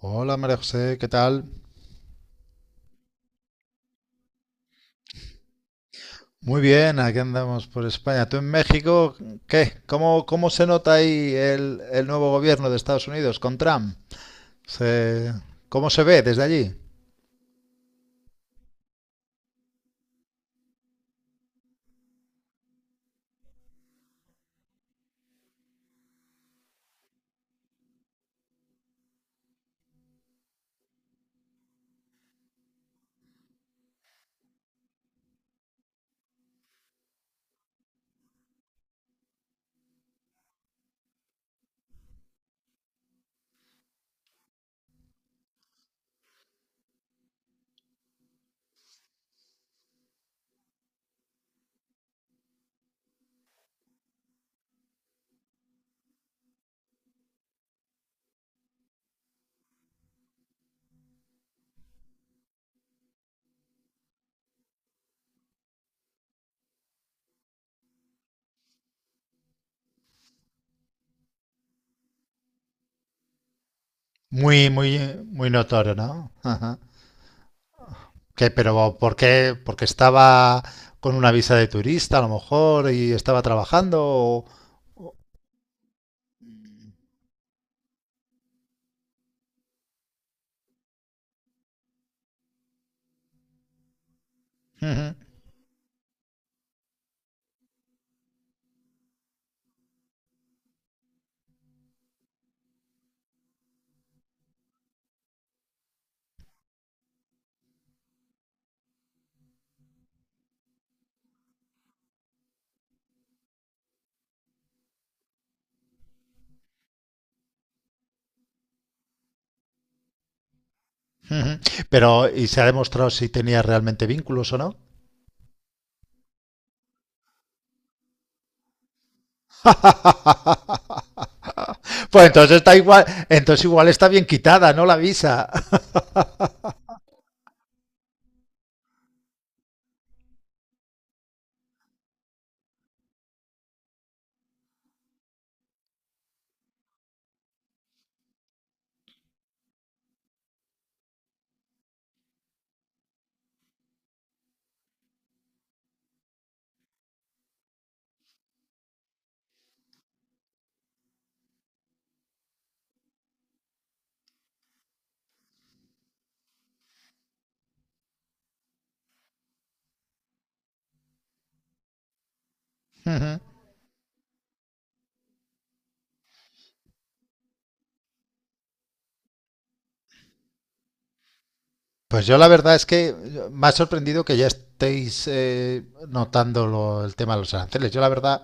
Hola María José, ¿qué tal? Muy bien, aquí andamos por España. ¿Tú en México qué? ¿Cómo se nota ahí el nuevo gobierno de Estados Unidos con Trump? Se- ¿Cómo se ve desde allí? Muy, muy, Muy notorio, ¿no? Ajá. ¿Qué, pero por qué? ¿Porque estaba con una visa de turista a lo mejor y estaba trabajando? Ujú, ujú. Pero, ¿y se ha demostrado si tenía realmente vínculos o no? Pues entonces está igual, entonces igual está bien quitada, ¿no? La visa. Pues yo la verdad es que me ha sorprendido que ya estéis notando el tema de los aranceles. Yo la verdad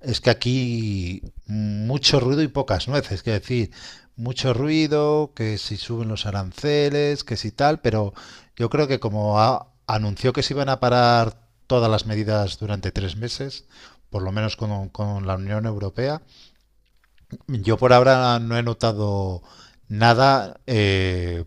es que aquí mucho ruido y pocas nueces, que decir, mucho ruido, que si suben los aranceles, que si tal, pero yo creo que como anunció que se iban a parar todas las medidas durante 3 meses, por lo menos con la Unión Europea. Yo por ahora no he notado nada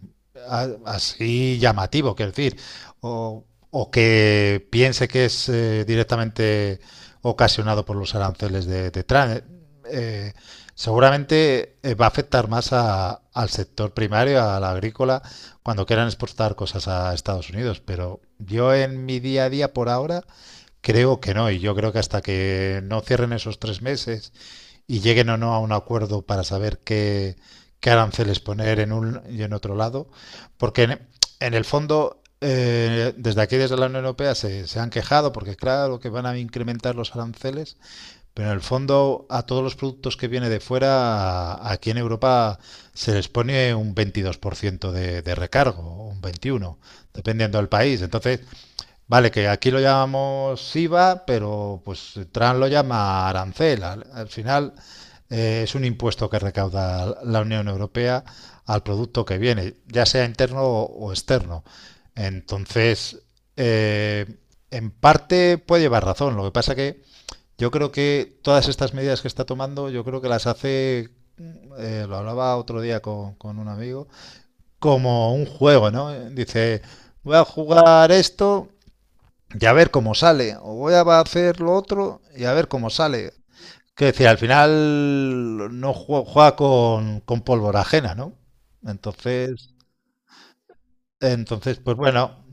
así llamativo, quiero decir, o, o que piense que es directamente ocasionado por los aranceles de Trump. Eh, seguramente va a afectar más al sector primario, al agrícola, cuando quieran exportar cosas a Estados Unidos, pero yo en mi día a día por ahora creo que no, y yo creo que hasta que no cierren esos 3 meses y lleguen o no a un acuerdo para saber qué, qué aranceles poner en un y en otro lado, porque en el fondo, desde aquí, desde la Unión Europea, se han quejado porque, claro, que van a incrementar los aranceles, pero en el fondo, a todos los productos que vienen de fuera, aquí en Europa se les pone un 22% de recargo, un 21%, dependiendo del país. Entonces, vale, que aquí lo llamamos IVA, pero pues Trump lo llama arancel. Al, al final es un impuesto que recauda la Unión Europea al producto que viene, ya sea interno o externo. Entonces, eh, en parte puede llevar razón. Lo que pasa que yo creo que todas estas medidas que está tomando, yo creo que las hace, lo hablaba otro día con un amigo, como un juego, ¿no? Dice, voy a jugar esto y a ver cómo sale, o voy a hacer lo otro y a ver cómo sale. Que decir, al final no juega, juega con pólvora ajena, ¿no? Entonces, entonces, pues bueno,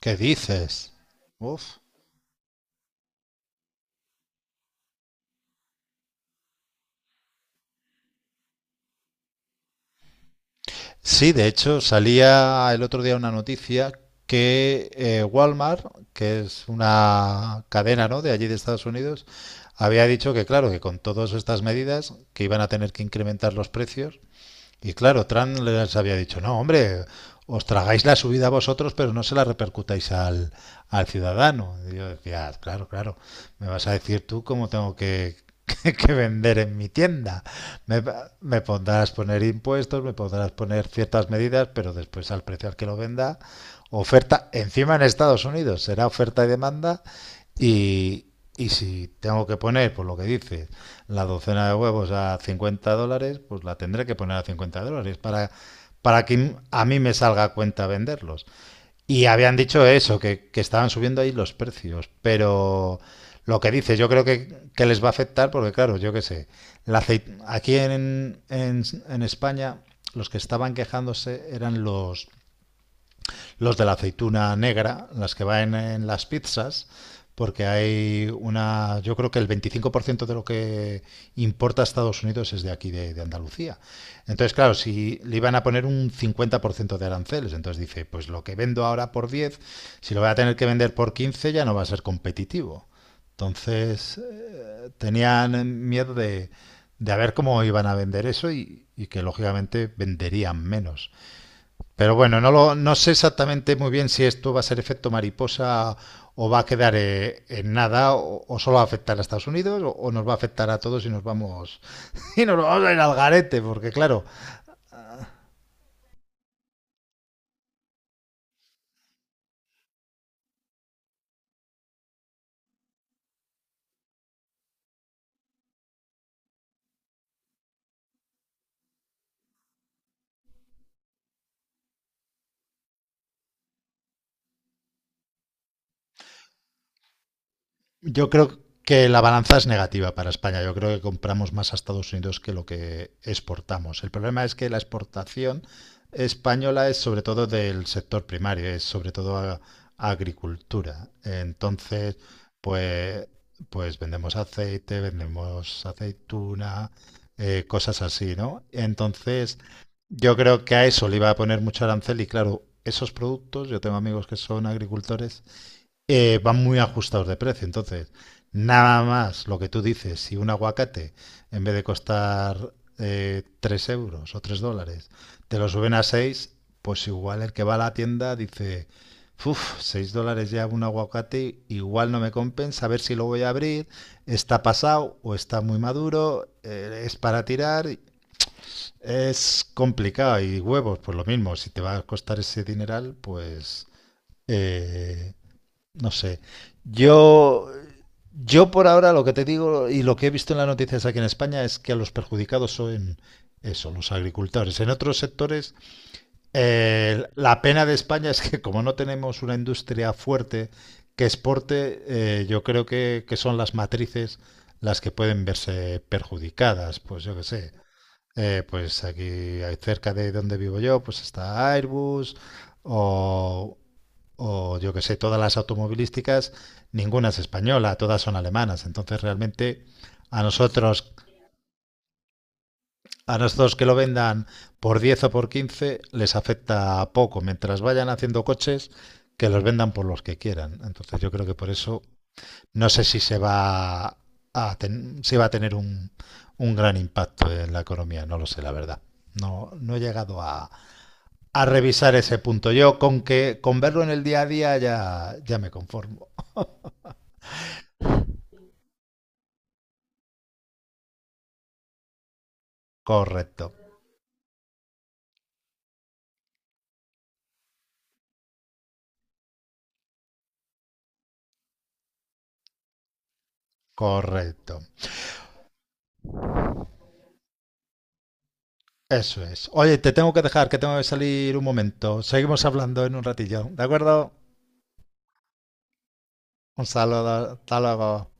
¿qué dices? Uf. Sí, de hecho, salía el otro día una noticia que Walmart, que es una cadena, ¿no? De allí de Estados Unidos, había dicho que, claro, que con todas estas medidas, que iban a tener que incrementar los precios. Y claro, Trump les había dicho, no, hombre, os tragáis la subida a vosotros, pero no se la repercutáis al, al ciudadano. Y yo decía, "Ah, claro, claro, me vas a decir tú cómo tengo que, que vender en mi tienda. Me, me podrás poner impuestos, me podrás poner ciertas medidas, pero después al precio al que lo venda, oferta, encima en Estados Unidos, será oferta y demanda. Y, y si tengo que poner, por lo que dices, la docena de huevos a $50, pues la tendré que poner a $50 para que a mí me salga a cuenta venderlos. Y habían dicho eso, que estaban subiendo ahí los precios, pero lo que dice, yo creo que les va a afectar porque, claro, yo qué sé, la aceite aquí en España los que estaban quejándose eran los de la aceituna negra, las que van en las pizzas, porque hay una, yo creo que el 25% de lo que importa a Estados Unidos es de aquí, de Andalucía. Entonces, claro, si le iban a poner un 50% de aranceles, entonces dice, pues lo que vendo ahora por 10, si lo voy a tener que vender por 15, ya no va a ser competitivo. Entonces, tenían miedo de a ver cómo iban a vender eso y que lógicamente venderían menos. Pero bueno, no, lo, no sé exactamente muy bien si esto va a ser efecto mariposa o va a quedar en nada o, o solo va a afectar a Estados Unidos o nos va a afectar a todos y nos vamos y nos vamos a ir al garete porque claro. Yo creo que la balanza es negativa para España. Yo creo que compramos más a Estados Unidos que lo que exportamos. El problema es que la exportación española es sobre todo del sector primario, es sobre todo a agricultura. Entonces, pues, pues vendemos aceite, vendemos aceituna, cosas así, ¿no? Entonces, yo creo que a eso le iba a poner mucho arancel y claro, esos productos, yo tengo amigos que son agricultores, van muy ajustados de precio. Entonces, nada más lo que tú dices, si un aguacate, en vez de costar 3 € o $3, te lo suben a 6, pues igual el que va a la tienda dice, uff, 6 dólares ya un aguacate, igual no me compensa, a ver si lo voy a abrir, está pasado o está muy maduro, es para tirar, es complicado. Y huevos, pues lo mismo, si te va a costar ese dineral, pues... eh, no sé. Yo, yo por ahora lo que te digo y lo que he visto en las noticias aquí en España es que los perjudicados son eso, los agricultores. En otros sectores, la pena de España es que como no tenemos una industria fuerte que exporte, yo creo que son las matrices las que pueden verse perjudicadas. Pues yo qué sé. Pues aquí cerca de donde vivo yo, pues está Airbus o o yo que sé, todas las automovilísticas, ninguna es española, todas son alemanas. Entonces realmente a nosotros, a nosotros que lo vendan por 10 o por 15 les afecta poco. Mientras vayan haciendo coches, que los vendan por los que quieran. Entonces yo creo que por eso no sé si se va a, ten, si va a tener un, gran impacto en la economía, no lo sé, la verdad. No, no he llegado a revisar ese punto. Yo con que con verlo en el día a día ya, ya me conformo. Correcto, correcto. Eso es. Oye, te tengo que dejar, que tengo que salir un momento. Seguimos hablando en un ratillo, ¿de acuerdo? Un saludo, hasta luego.